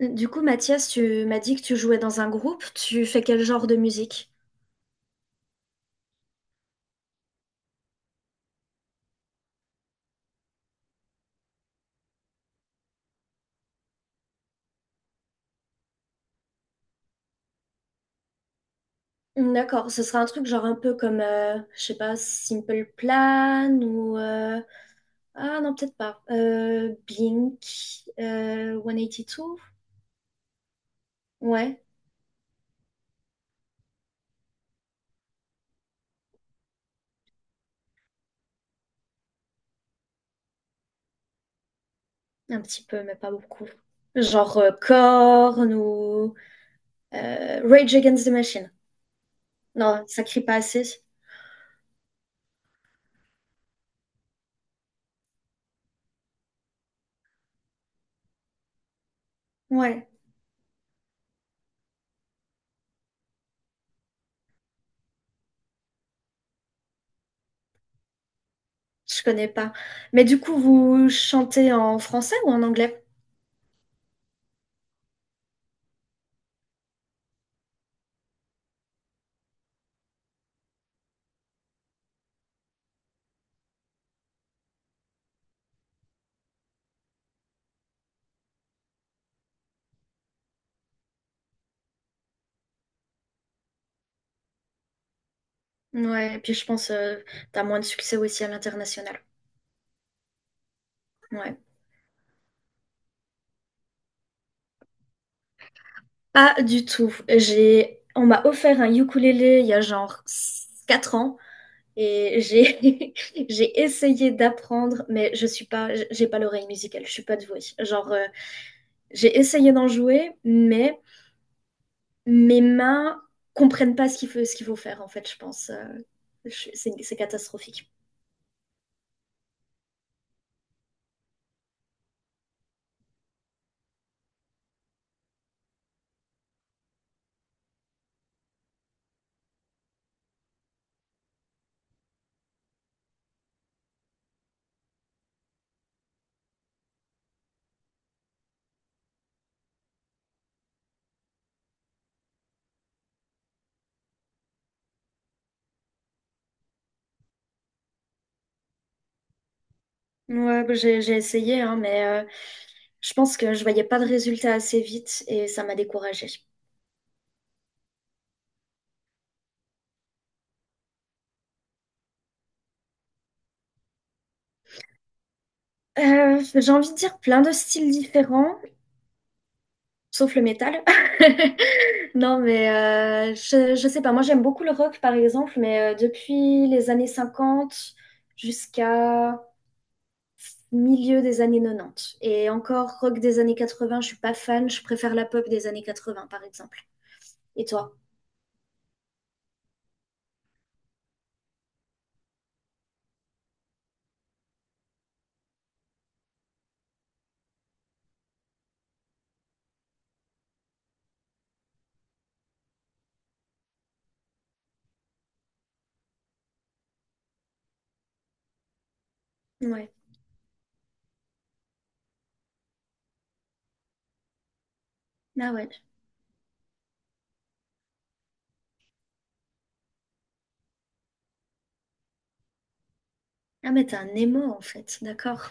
Du coup, Mathias, tu m'as dit que tu jouais dans un groupe. Tu fais quel genre de musique? D'accord, ce sera un truc genre un peu comme, je sais pas, Simple Plan ou, ah non, peut-être pas. Blink, 182? Ouais, un petit peu, mais pas beaucoup. Genre Korn ou Rage Against the Machine. Non, ça crie pas assez. Ouais, je connais pas. Mais du coup, vous chantez en français ou en anglais? Ouais, et puis je pense t'as moins de succès aussi à l'international. Ouais. Pas du tout. J'ai, on m'a offert un ukulélé il y a genre 4 ans et j'ai j'ai essayé d'apprendre, mais je suis pas, j'ai pas l'oreille musicale, je suis pas douée. Genre, j'ai essayé d'en jouer, mais mes mains comprennent pas ce qu'il faut, ce qu'il faut faire en fait, je pense. C'est catastrophique. Ouais, bah, j'ai essayé, hein, mais je pense que je voyais pas de résultat assez vite et ça m'a découragée. J'ai envie de dire plein de styles différents, sauf le métal. Non, mais je sais pas. Moi, j'aime beaucoup le rock, par exemple, mais depuis les années 50 jusqu'à milieu des années 90. Et encore, rock des années 80, je suis pas fan. Je préfère la pop des années 80, par exemple. Et toi? Ouais. Ah ouais. Ah, mais t'es un émo, en fait. D'accord.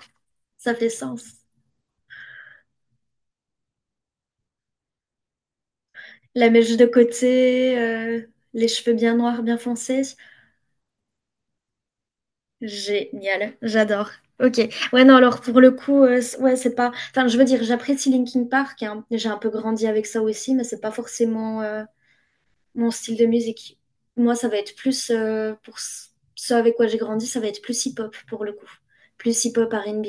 Ça fait sens. La mèche de côté, les cheveux bien noirs, bien foncés. Génial, j'adore. Ok. Ouais, non, alors pour le coup, ouais, c'est pas. Enfin, je veux dire, j'apprécie Linkin Park, hein. J'ai un peu grandi avec ça aussi, mais c'est pas forcément mon style de musique. Moi, ça va être plus ce avec quoi j'ai grandi, ça va être plus hip-hop pour le coup, plus hip-hop R&B.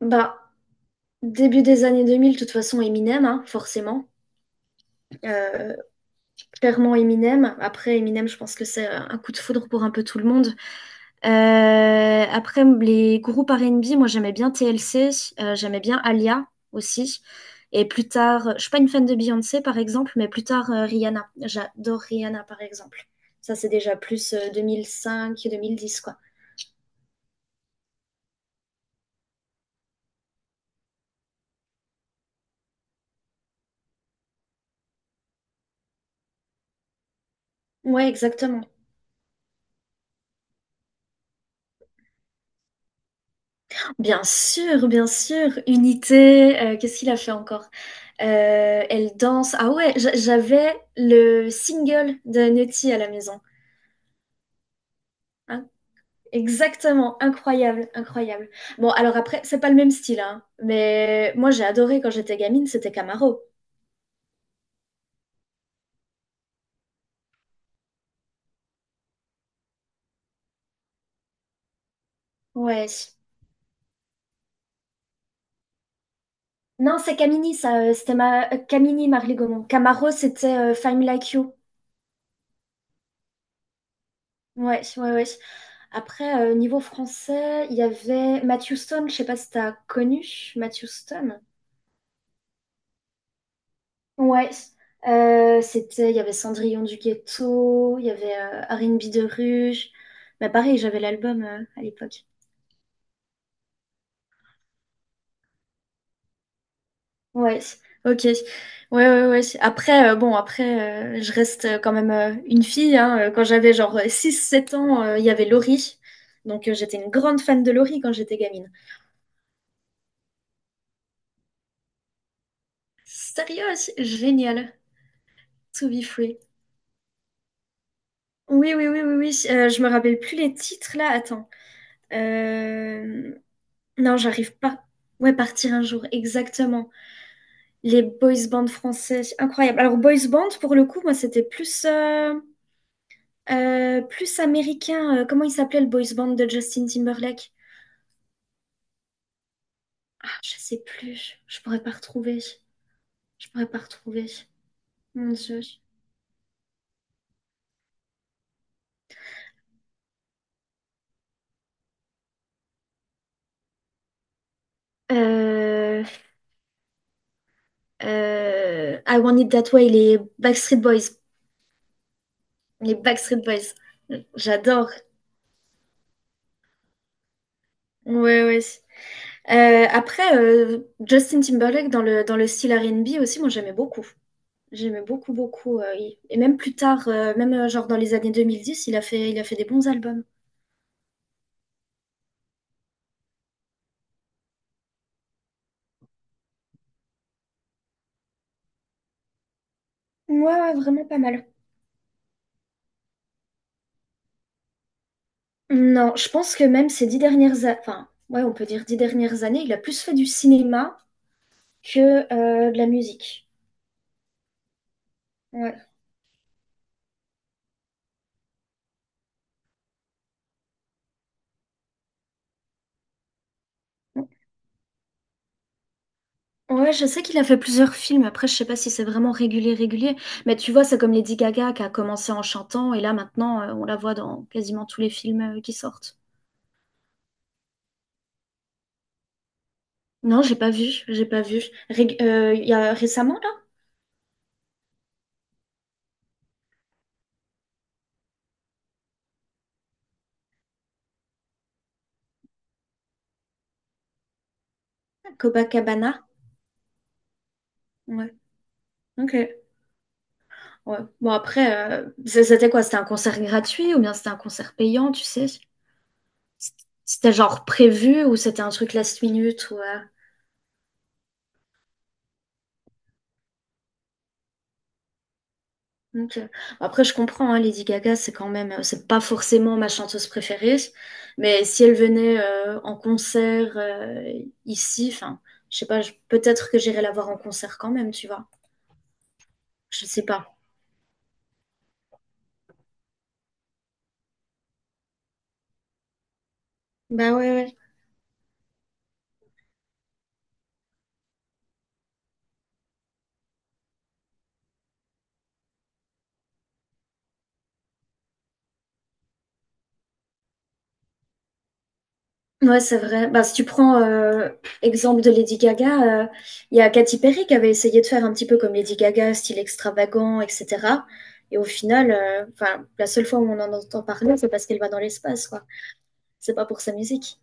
Bah, début des années 2000, de toute façon, Eminem, hein, forcément. Euh, clairement Eminem. Après, Eminem, je pense que c'est un coup de foudre pour un peu tout le monde. Après, les groupes R&B, moi j'aimais bien TLC, j'aimais bien Alia aussi. Et plus tard, je suis pas une fan de Beyoncé par exemple, mais plus tard Rihanna. J'adore Rihanna par exemple. Ça c'est déjà plus 2005-2010 quoi. Ouais, exactement. Bien sûr, bien sûr. Unité, qu'est-ce qu'il a fait encore? Elle danse. Ah ouais, j'avais le single de Nutty à la maison. Ah, exactement, incroyable, incroyable. Bon, alors après, c'est pas le même style, hein, mais moi j'ai adoré quand j'étais gamine, c'était Camaro. Ouais. Non, c'est Camini, ça, c'était ma, Camini, Marley Gaumont. Camaro, c'était Fine Like You. Ouais, ouais, ouais. Après, niveau français, il y avait Matthew Stone, je sais pas si t'as connu Matthew Stone. Ouais. C'était, il y avait Cendrillon du ghetto, il y avait R&B de rue. Mais pareil, j'avais l'album à l'époque. Ouais, ok. Ouais, ouais, ouais. Après, bon, je reste quand même une fille, hein. Quand j'avais genre 6, 7 ans, il y avait Laurie. Donc, j'étais une grande fan de Laurie quand j'étais gamine. Sérieux? Génial. To be free. Oui, oui, oui, oui, oui. Je me rappelle plus les titres là. Attends. Euh, Non, j'arrive pas. Ouais, partir un jour, exactement. Les boys bands français, incroyable. Alors, boys band, pour le coup, moi, c'était plus américain, comment il s'appelait le boys band de Justin Timberlake? Ah, je sais plus. Je pourrais pas retrouver. Je pourrais pas retrouver. Mon Dieu. Euh, I Want It That Way, les Backstreet Boys. Les Backstreet Boys. J'adore. Ouais, ouais. Après, Justin Timberlake dans le style R&B aussi, moi j'aimais beaucoup. J'aimais beaucoup, beaucoup. Et même plus tard, même genre dans les années 2010, il a fait des bons albums. Ouais, ouais, vraiment pas mal. Non, je pense que même ces 10 dernières années, enfin, ouais, on peut dire 10 dernières années, il a plus fait du cinéma que de la musique. Ouais. Ouais, je sais qu'il a fait plusieurs films. Après, je sais pas si c'est vraiment régulier, régulier. Mais tu vois, c'est comme Lady Gaga qui a commencé en chantant et là maintenant, on la voit dans quasiment tous les films qui sortent. Non, j'ai pas vu, j'ai pas vu. Il y a récemment là, Copacabana. Ouais. Ok. Ouais. Bon après, c'était quoi? C'était un concert gratuit ou bien c'était un concert payant, tu sais? C'était genre prévu ou c'était un truc last minute ou ok. Après, je comprends, hein, Lady Gaga, c'est quand même, c'est pas forcément ma chanteuse préférée, mais si elle venait en concert ici, enfin, je sais pas, peut-être que j'irais la voir en concert quand même, tu vois. Je sais pas. Bah ouais, ouais. Ouais, c'est vrai. Bah, si tu prends exemple de Lady Gaga, il y a Katy Perry qui avait essayé de faire un petit peu comme Lady Gaga, style extravagant, etc. Et au final, enfin, la seule fois où on en entend parler, c'est parce qu'elle va dans l'espace, quoi. C'est pas pour sa musique.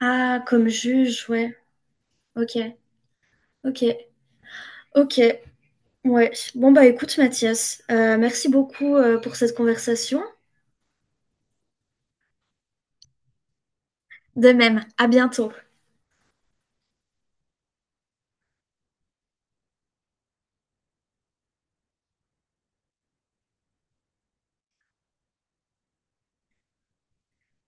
Ah, comme juge, ouais. Ok, ok, ok. Ouais. Bon, bah écoute, Mathias, merci beaucoup pour cette conversation. De même, à bientôt.